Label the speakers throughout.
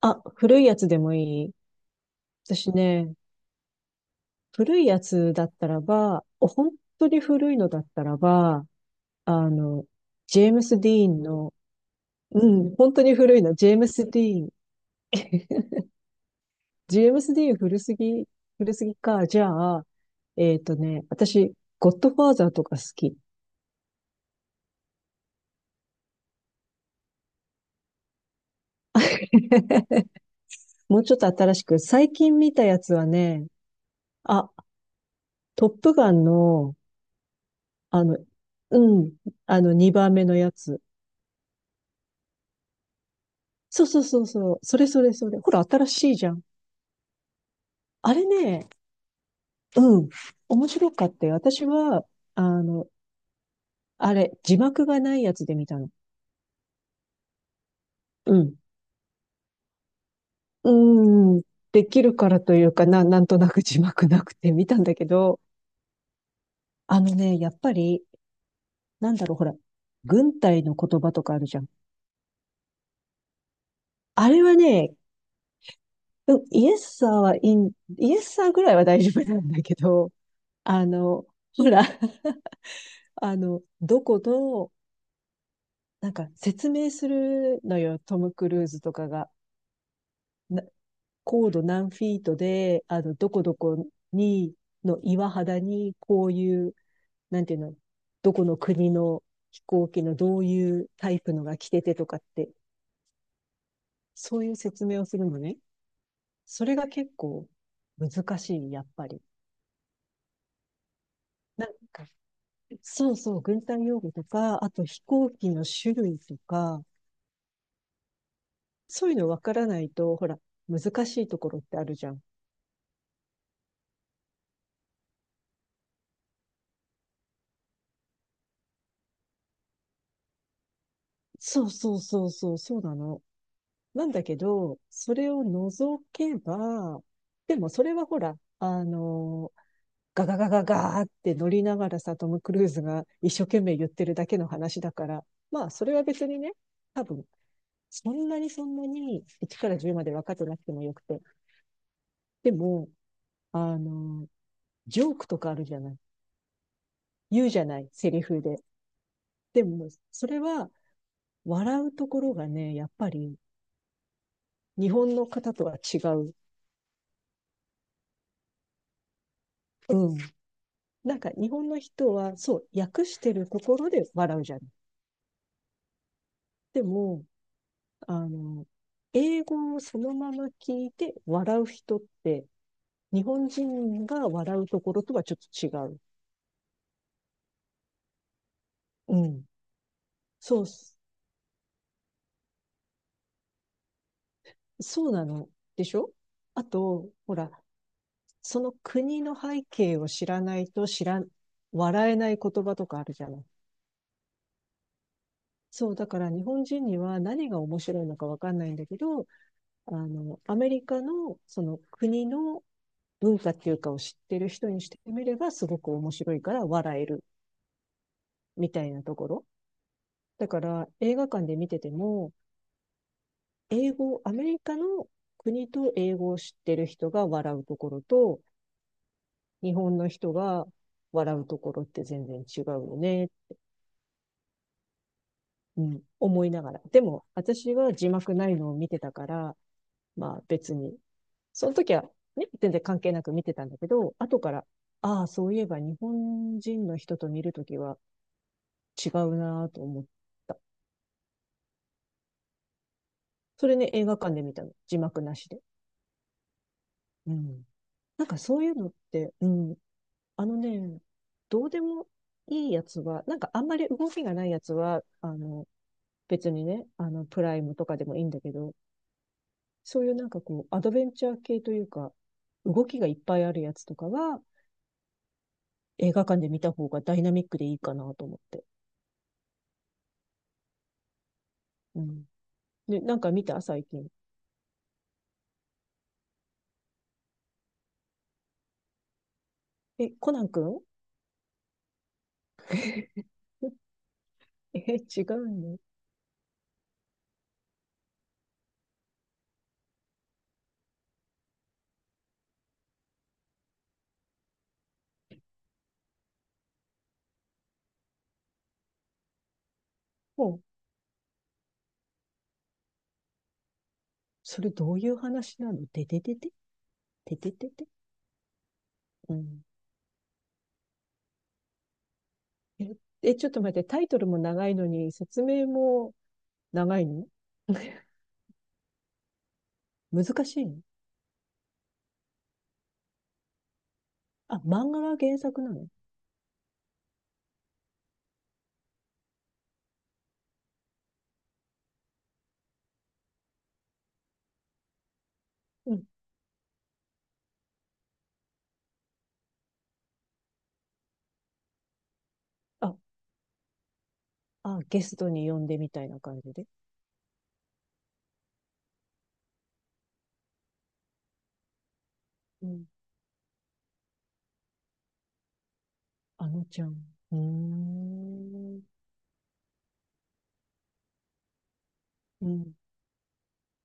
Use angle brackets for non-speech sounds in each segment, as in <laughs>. Speaker 1: あ、古いやつでもいい。私ね、古いやつだったらば、本当に古いのだったらば、あの、ジェームス・ディーンの、うん、本当に古いの、ジェームス・ディーン。ジェームス・ディーン古すぎ、古すぎか。じゃあ、私、ゴッドファーザーとか好き。<laughs> もうちょっと新しく、最近見たやつはね、あ、トップガンの、あの、うん、2番目のやつ。そうそうそうそう。それそれそれ。ほら、新しいじゃん。あれね、うん。面白かったよ。私は、あの、あれ、字幕がないやつで見たの。うん。うーん。できるからというか、なんとなく字幕なくて見たんだけど、やっぱり、なんだろう、ほら、軍隊の言葉とかあるじゃん。あれはね、うんイエスサーはイン、イエスサーぐらいは大丈夫なんだけど、あの、ほら、<laughs> どこのなんか説明するのよ、トム・クルーズとかが。な高度何フィートで、どこどこに、の岩肌に、こういう、なんていうの、どこの国の飛行機のどういうタイプのが来ててとかって、そういう説明をするのね。それが結構難しい、やっぱり。なんか、そうそう、軍隊用語とか、あと飛行機の種類とか、そういうのわからないと、ほら、難しいところってあるじゃん。そうそうそうそう、そうなの。なんだけど、それを除けば、でもそれはほら、ガガガガガーって乗りながらさ、トム・クルーズが一生懸命言ってるだけの話だから、まあ、それは別にね、多分、そんなに1から10まで分かってなくてもよくて。でも、あの、ジョークとかあるじゃない。言うじゃない、セリフで。でも、それは笑うところがね、やっぱり日本の方とは違う。うんなんか日本の人は、そう、訳してるところで笑うじゃん。でも、あの、英語をそのまま聞いて笑う人って、日本人が笑うところとはちょっと違う。うん。そう、そうなの。でしょあと、ほら、その国の背景を知らないと知らん、笑えない言葉とかあるじゃない。そう、だから日本人には何が面白いのかわかんないんだけど、アメリカのその国の文化っていうかを知ってる人にしてみればすごく面白いから笑えるみたいなところ。だから映画館で見てても、英語、アメリカの国と英語を知ってる人が笑うところと、日本の人が笑うところって全然違うよね、うん、思いながら。でも私は字幕ないのを見てたから、まあ別に、その時は、ね、全然関係なく見てたんだけど、後から、ああ、そういえば日本人の人と見るときは、違うなぁと思った。それね、映画館で見たの。字幕なしで。うん。なんかそういうのって、うん。あのね、どうでもいいやつは、なんかあんまり動きがないやつは、別にね、プライムとかでもいいんだけど、そういうなんかこう、アドベンチャー系というか、動きがいっぱいあるやつとかは、映画館で見た方がダイナミックでいいかなと思って。うん。で、なんか見た最近。え、コナン君？ <laughs> え、違うの、ね、もうそれどういう話なのててててててててうん。えちょっと待って、タイトルも長いのに、説明も長いの？ <laughs> 難しいのあ、漫画が原作なの？うん。あ、あ、ゲストに呼んでみたいな感じで。うん。あのちゃん。うーん。うん。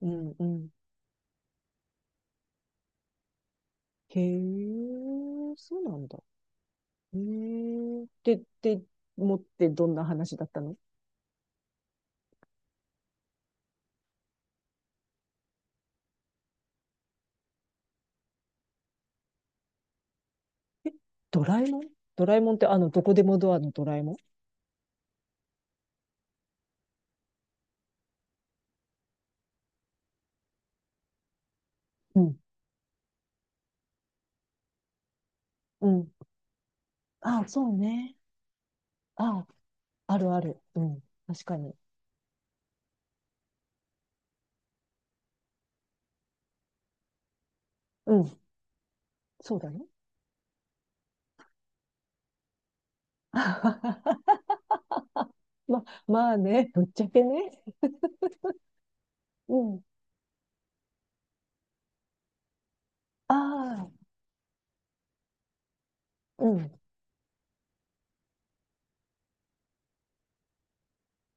Speaker 1: うん。うん。へえ、そうなんだ。へえ。で、で、持ってどんな話だったの？え、ドラえもん？ドラえもんってどこでもドアのドラえもん？うん。うん。ああ、そうね。ああ、あるある。うん。確かに。うん。そうだね。<laughs> ま、まあね、ぶっちゃけね。うん。ああ、うん。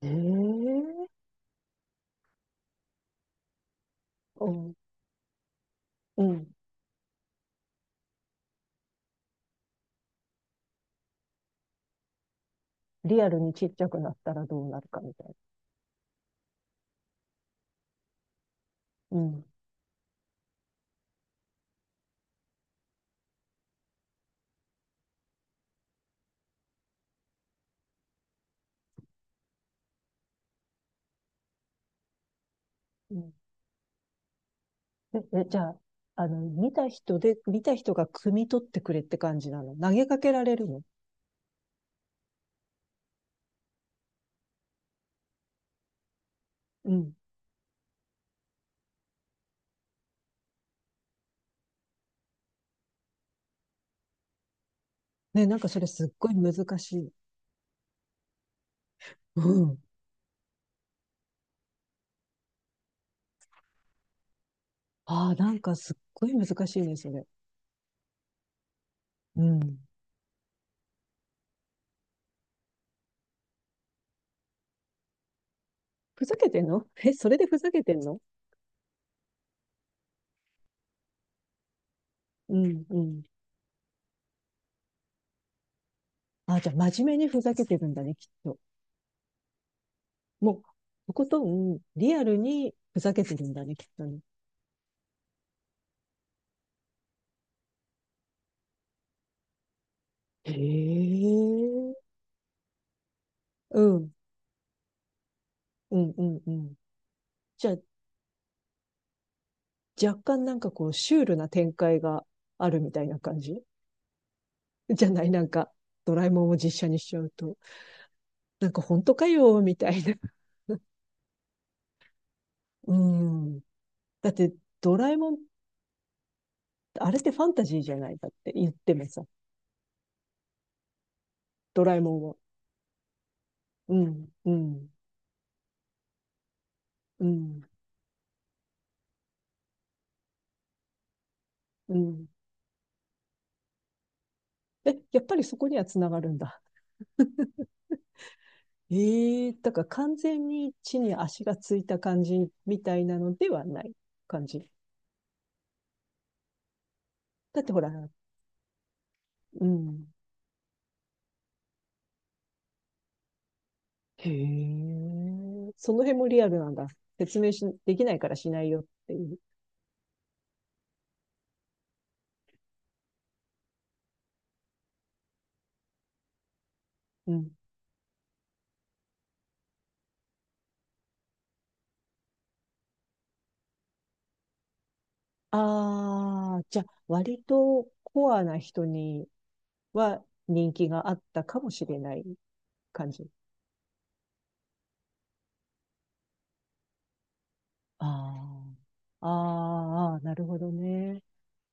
Speaker 1: ええうん。うん。リアルにちっちゃくなったらどうなるかみたいな。うん。うん。え、えじゃあ、見た人で、見た人が汲み取ってくれって感じなの。投げかけられるの。うん。ね、なんかそれすっごい難しい。うん。ああ、なんかすっごい難しいね、それ。うん。ふざけてんの？ <laughs> え、それでふざけてんの？うんうん。あ、じゃあ真面目にふざけてるんだね、きっと。もう、とことん、リアルにふざけてるんだね、きっとね。へえ。うん、うん、うん、うん。じゃあ、若干なんかこう、シュールな展開があるみたいな感じ？ <laughs> じゃないなんか、ドラえもんを実写にしちゃうと。なんか本当かよ、みたいな。<laughs> うん。だって、ドラえもん、あれってファンタジーじゃないだって言ってもさ、ドラえもんは。うん、うん。うん、うん。え、やっぱりそこにはつながるんだ。<laughs> ええだから完全に地に足がついた感じみたいなのではない感じ。だってほら、うん。へえ、その辺もリアルなんだ。説明し、できないからしないよっていう。うん。ああ、じゃあ、割とコアな人には人気があったかもしれない感じ。ああ、あーあー、なるほどね。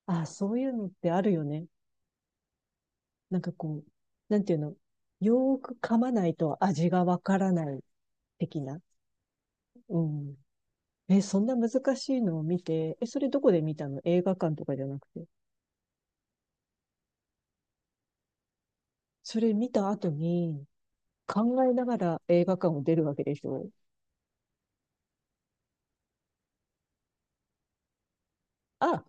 Speaker 1: ああ、そういうのってあるよね。なんかこう、なんていうの、よーく噛まないと味がわからない的な。うん。え、そんな難しいのを見て、え、それどこで見たの？映画館とかじゃなくて。それ見た後に考えながら映画館を出るわけでしょ。あ、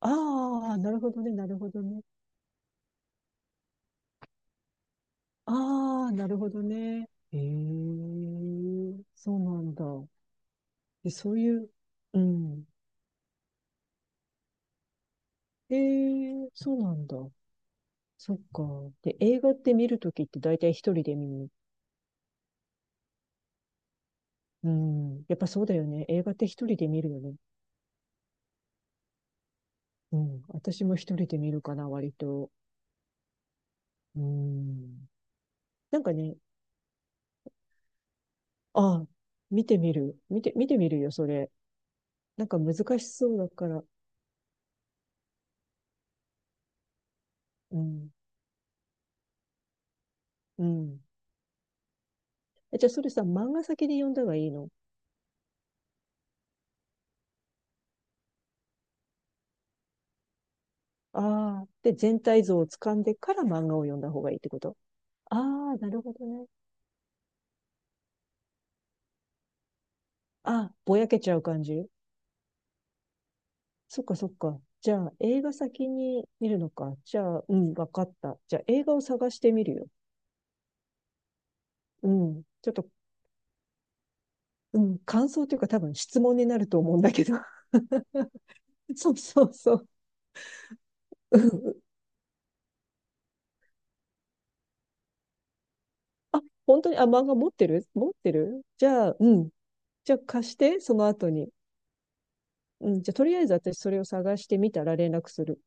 Speaker 1: ああ、なるほどね、なるほどね。ああ、なるほどね。ええ、そうなんだ。で、そういう、うん。ええ、そうなんだ。そっか。で、映画って見るときって大体一人で見に？うん。やっぱそうだよね。映画って一人で見るよね。うん。私も一人で見るかな、割と。うん。なんかね、ああ、見てみる。見て、見てみるよ、それ。なんか難しそうだから。うん。うん。え、じゃあそれさ、漫画先で読んだ方がいいの？ああ。で、全体像をつかんでから漫画を読んだ方がいいってこと？ああ、なるほどね。ああ、ぼやけちゃう感じ？そっかそっか。じゃあ、映画先に見るのか。じゃあ、うん、わかった。じゃあ、映画を探してみるよ。うん。ちょっと、うん、感想というか多分質問になると思うんだけど。<laughs> そうそうそう。うん。あ、本当に、あ、漫画持ってる持ってるじゃあ、うん。じゃあ貸して、その後に。うん。じゃあとりあえず私それを探してみたら連絡する。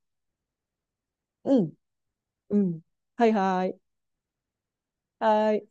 Speaker 1: うん。うん。はいはい。はい。